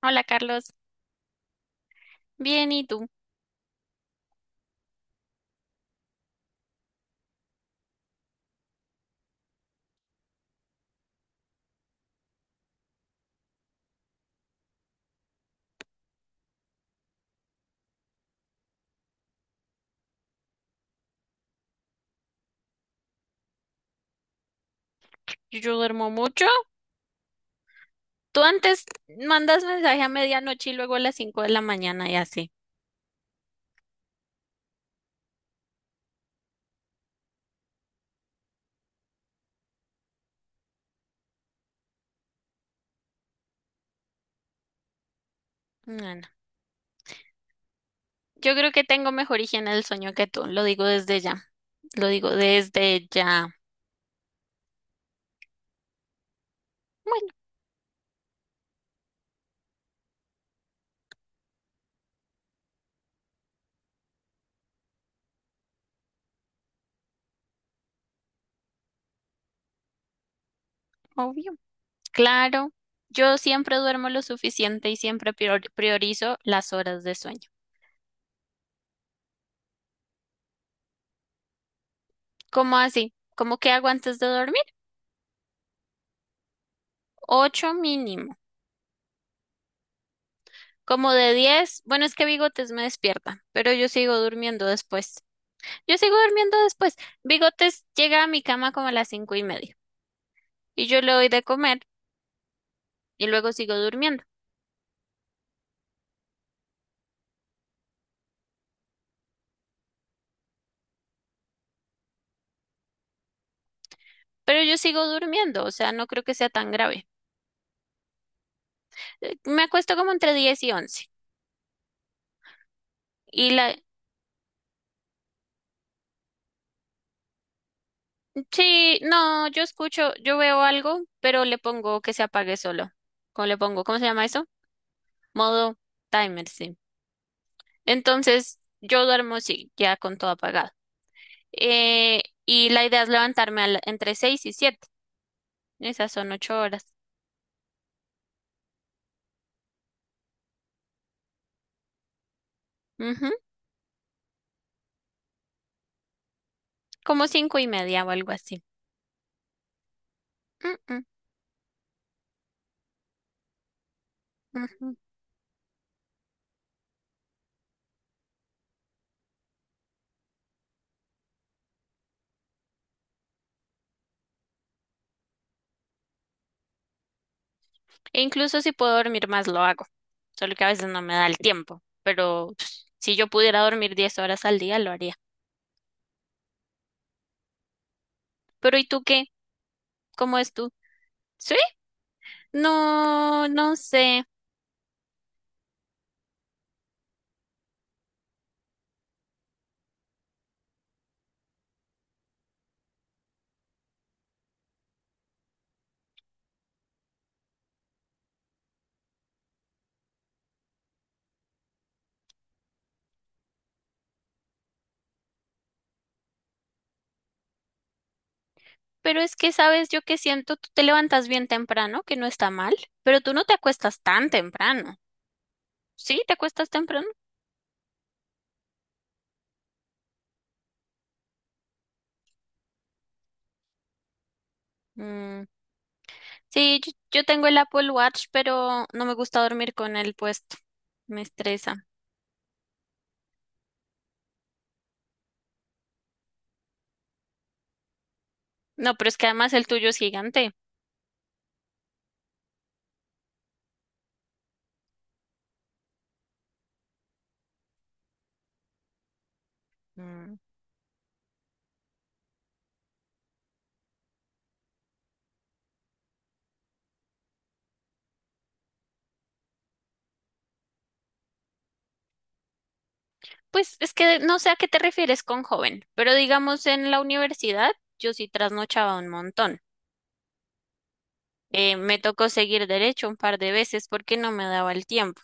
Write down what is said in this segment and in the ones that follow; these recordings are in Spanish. Hola Carlos, bien, ¿y tú? Yo duermo mucho. Tú antes mandas mensaje a medianoche y luego a las 5 de la mañana y así. No, no. Yo creo que tengo mejor higiene del sueño que tú, lo digo desde ya, lo digo desde ya. Bueno, obvio, claro. Yo siempre duermo lo suficiente y siempre priorizo las horas de sueño. ¿Cómo así? ¿Cómo que hago antes de dormir? 8 mínimo. ¿Como de 10? Bueno, es que Bigotes me despierta, pero yo sigo durmiendo después. Yo sigo durmiendo después. Bigotes llega a mi cama como a las 5:30 y yo le doy de comer y luego sigo durmiendo. Pero yo sigo durmiendo, o sea, no creo que sea tan grave. Me acuesto como entre 10 y 11. Y la... Sí, no, yo escucho, yo veo algo, pero le pongo que se apague solo. ¿Cómo le pongo? ¿Cómo se llama eso? Modo timer, sí. Entonces, yo duermo, sí, ya con todo apagado. Y la idea es levantarme entre 6 y 7. Esas son 8 horas. Ujú. Como 5:30 o algo así. Mm, mm, ujú. E incluso si puedo dormir más, lo hago. Solo que a veces no me da el tiempo. Pero pues, si yo pudiera dormir 10 horas al día, lo haría. Pero ¿y tú qué? ¿Cómo es tú? Sí, no, no sé. Pero es que sabes yo que siento, tú te levantas bien temprano, que no está mal, pero tú no te acuestas tan temprano. ¿Sí? ¿Te acuestas temprano? Mm. Sí, yo tengo el Apple Watch, pero no me gusta dormir con él puesto. Me estresa. No, pero es que además el tuyo es gigante. Pues es que no sé a qué te refieres con joven, pero digamos en la universidad yo sí trasnochaba un montón. Me tocó seguir derecho un par de veces porque no me daba el tiempo.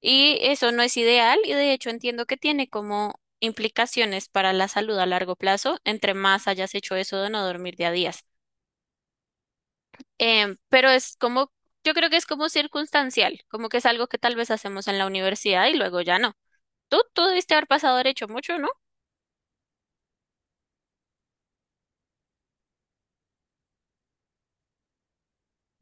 Y eso no es ideal y de hecho entiendo que tiene como implicaciones para la salud a largo plazo, entre más hayas hecho eso de no dormir de a días. Pero es como, yo creo que es como circunstancial, como que es algo que tal vez hacemos en la universidad y luego ya no. Tú debiste haber pasado derecho mucho, ¿no?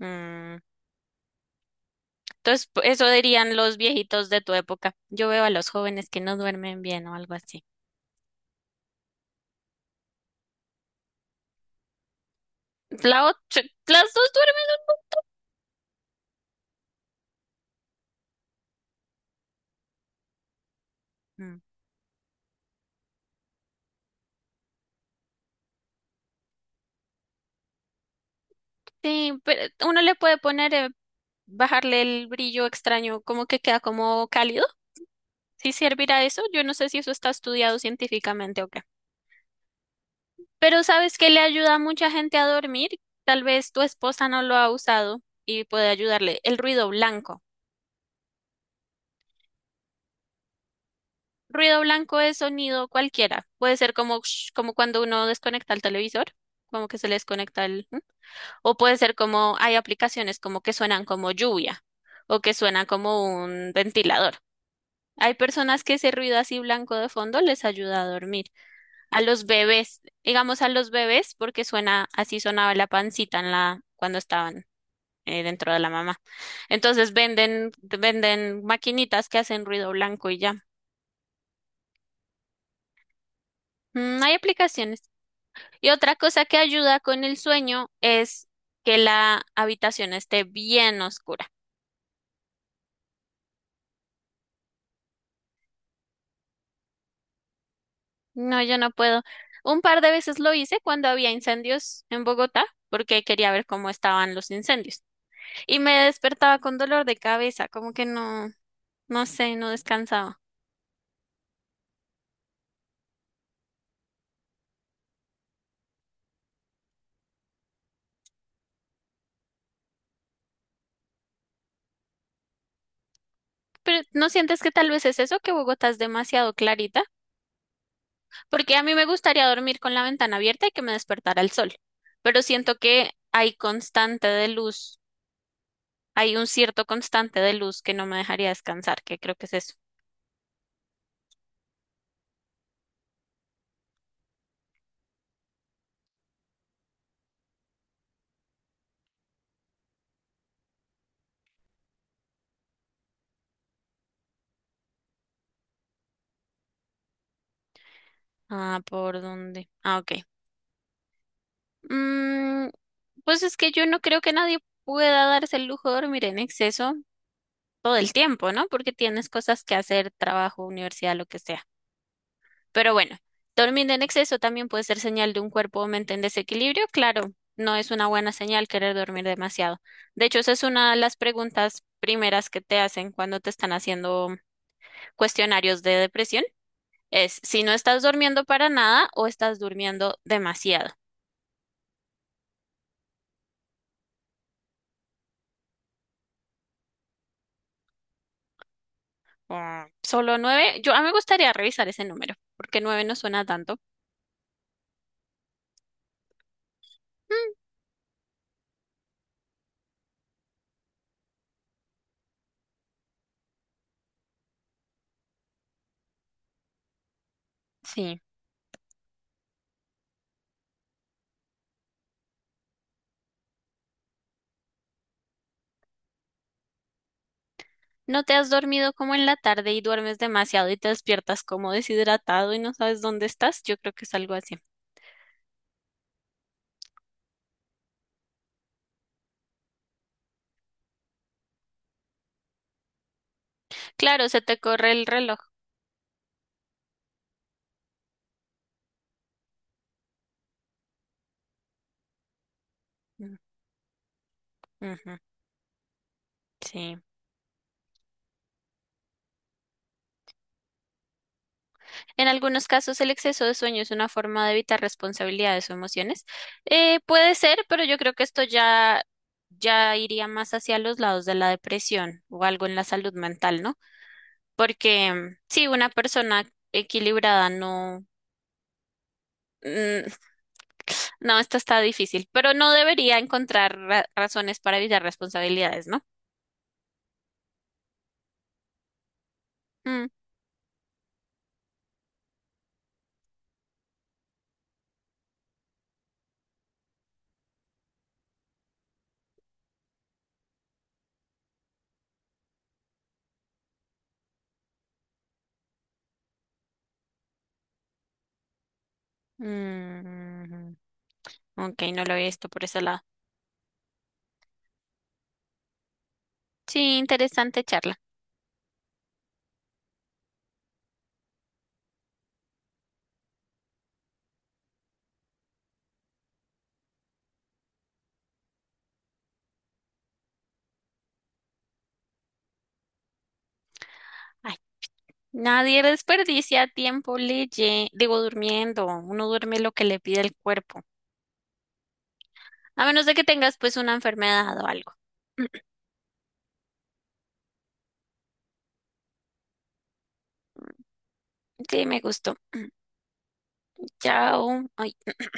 Mm. Entonces, eso dirían los viejitos de tu época. Yo veo a los jóvenes que no duermen bien o algo así. La otra, las dos duermen. Mm. Sí, pero uno le puede poner, bajarle el brillo extraño, como que queda como cálido. Si servirá eso, yo no sé si eso está estudiado científicamente o qué. Pero ¿sabes qué le ayuda a mucha gente a dormir? Tal vez tu esposa no lo ha usado y puede ayudarle. El ruido blanco. Ruido blanco es sonido cualquiera. Puede ser como, como cuando uno desconecta el televisor, como que se le desconecta el, ¿m? O puede ser como hay aplicaciones como que suenan como lluvia o que suenan como un ventilador. Hay personas que ese ruido así blanco de fondo les ayuda a dormir. A los bebés, digamos a los bebés, porque suena así sonaba la pancita en la, cuando estaban dentro de la mamá. Entonces venden maquinitas que hacen ruido blanco y ya. Mm, hay aplicaciones. Y otra cosa que ayuda con el sueño es que la habitación esté bien oscura. No, yo no puedo. Un par de veces lo hice cuando había incendios en Bogotá, porque quería ver cómo estaban los incendios. Y me despertaba con dolor de cabeza, como que no, no sé, no descansaba. Pero ¿no sientes que tal vez es eso, que Bogotá es demasiado clarita? Porque a mí me gustaría dormir con la ventana abierta y que me despertara el sol. Pero siento que hay constante de luz. Hay un cierto constante de luz que no me dejaría descansar, que creo que es eso. Ah, ¿por dónde? Ah, ok. Mm, pues es que yo no creo que nadie pueda darse el lujo de dormir en exceso todo el tiempo, ¿no? Porque tienes cosas que hacer, trabajo, universidad, lo que sea. Pero bueno, dormir en exceso también puede ser señal de un cuerpo o mente en desequilibrio. Claro, no es una buena señal querer dormir demasiado. De hecho, esa es una de las preguntas primeras que te hacen cuando te están haciendo cuestionarios de depresión. Es si no estás durmiendo para nada o estás durmiendo demasiado. Mm, solo 9. Yo a mí me gustaría revisar ese número, porque 9 no suena tanto. Mm, sí. No te has dormido como en la tarde y duermes demasiado y te despiertas como deshidratado y no sabes dónde estás. Yo creo que es algo así. Claro, se te corre el reloj. Mm, ujú, sí. En algunos casos, el exceso de sueño es una forma de evitar responsabilidades o emociones. Puede ser, pero yo creo que esto ya iría más hacia los lados de la depresión o algo en la salud mental, ¿no? Porque sí, una persona equilibrada no, mm, no, esto está difícil, pero no debería encontrar razones para evitar responsabilidades, ¿no? Mm, mm, ok, no lo había visto por ese lado. Sí, interesante charla. Nadie desperdicia tiempo digo, durmiendo. Uno duerme lo que le pide el cuerpo. A menos de que tengas pues una enfermedad o algo. Sí, me gustó. Chao. Ay.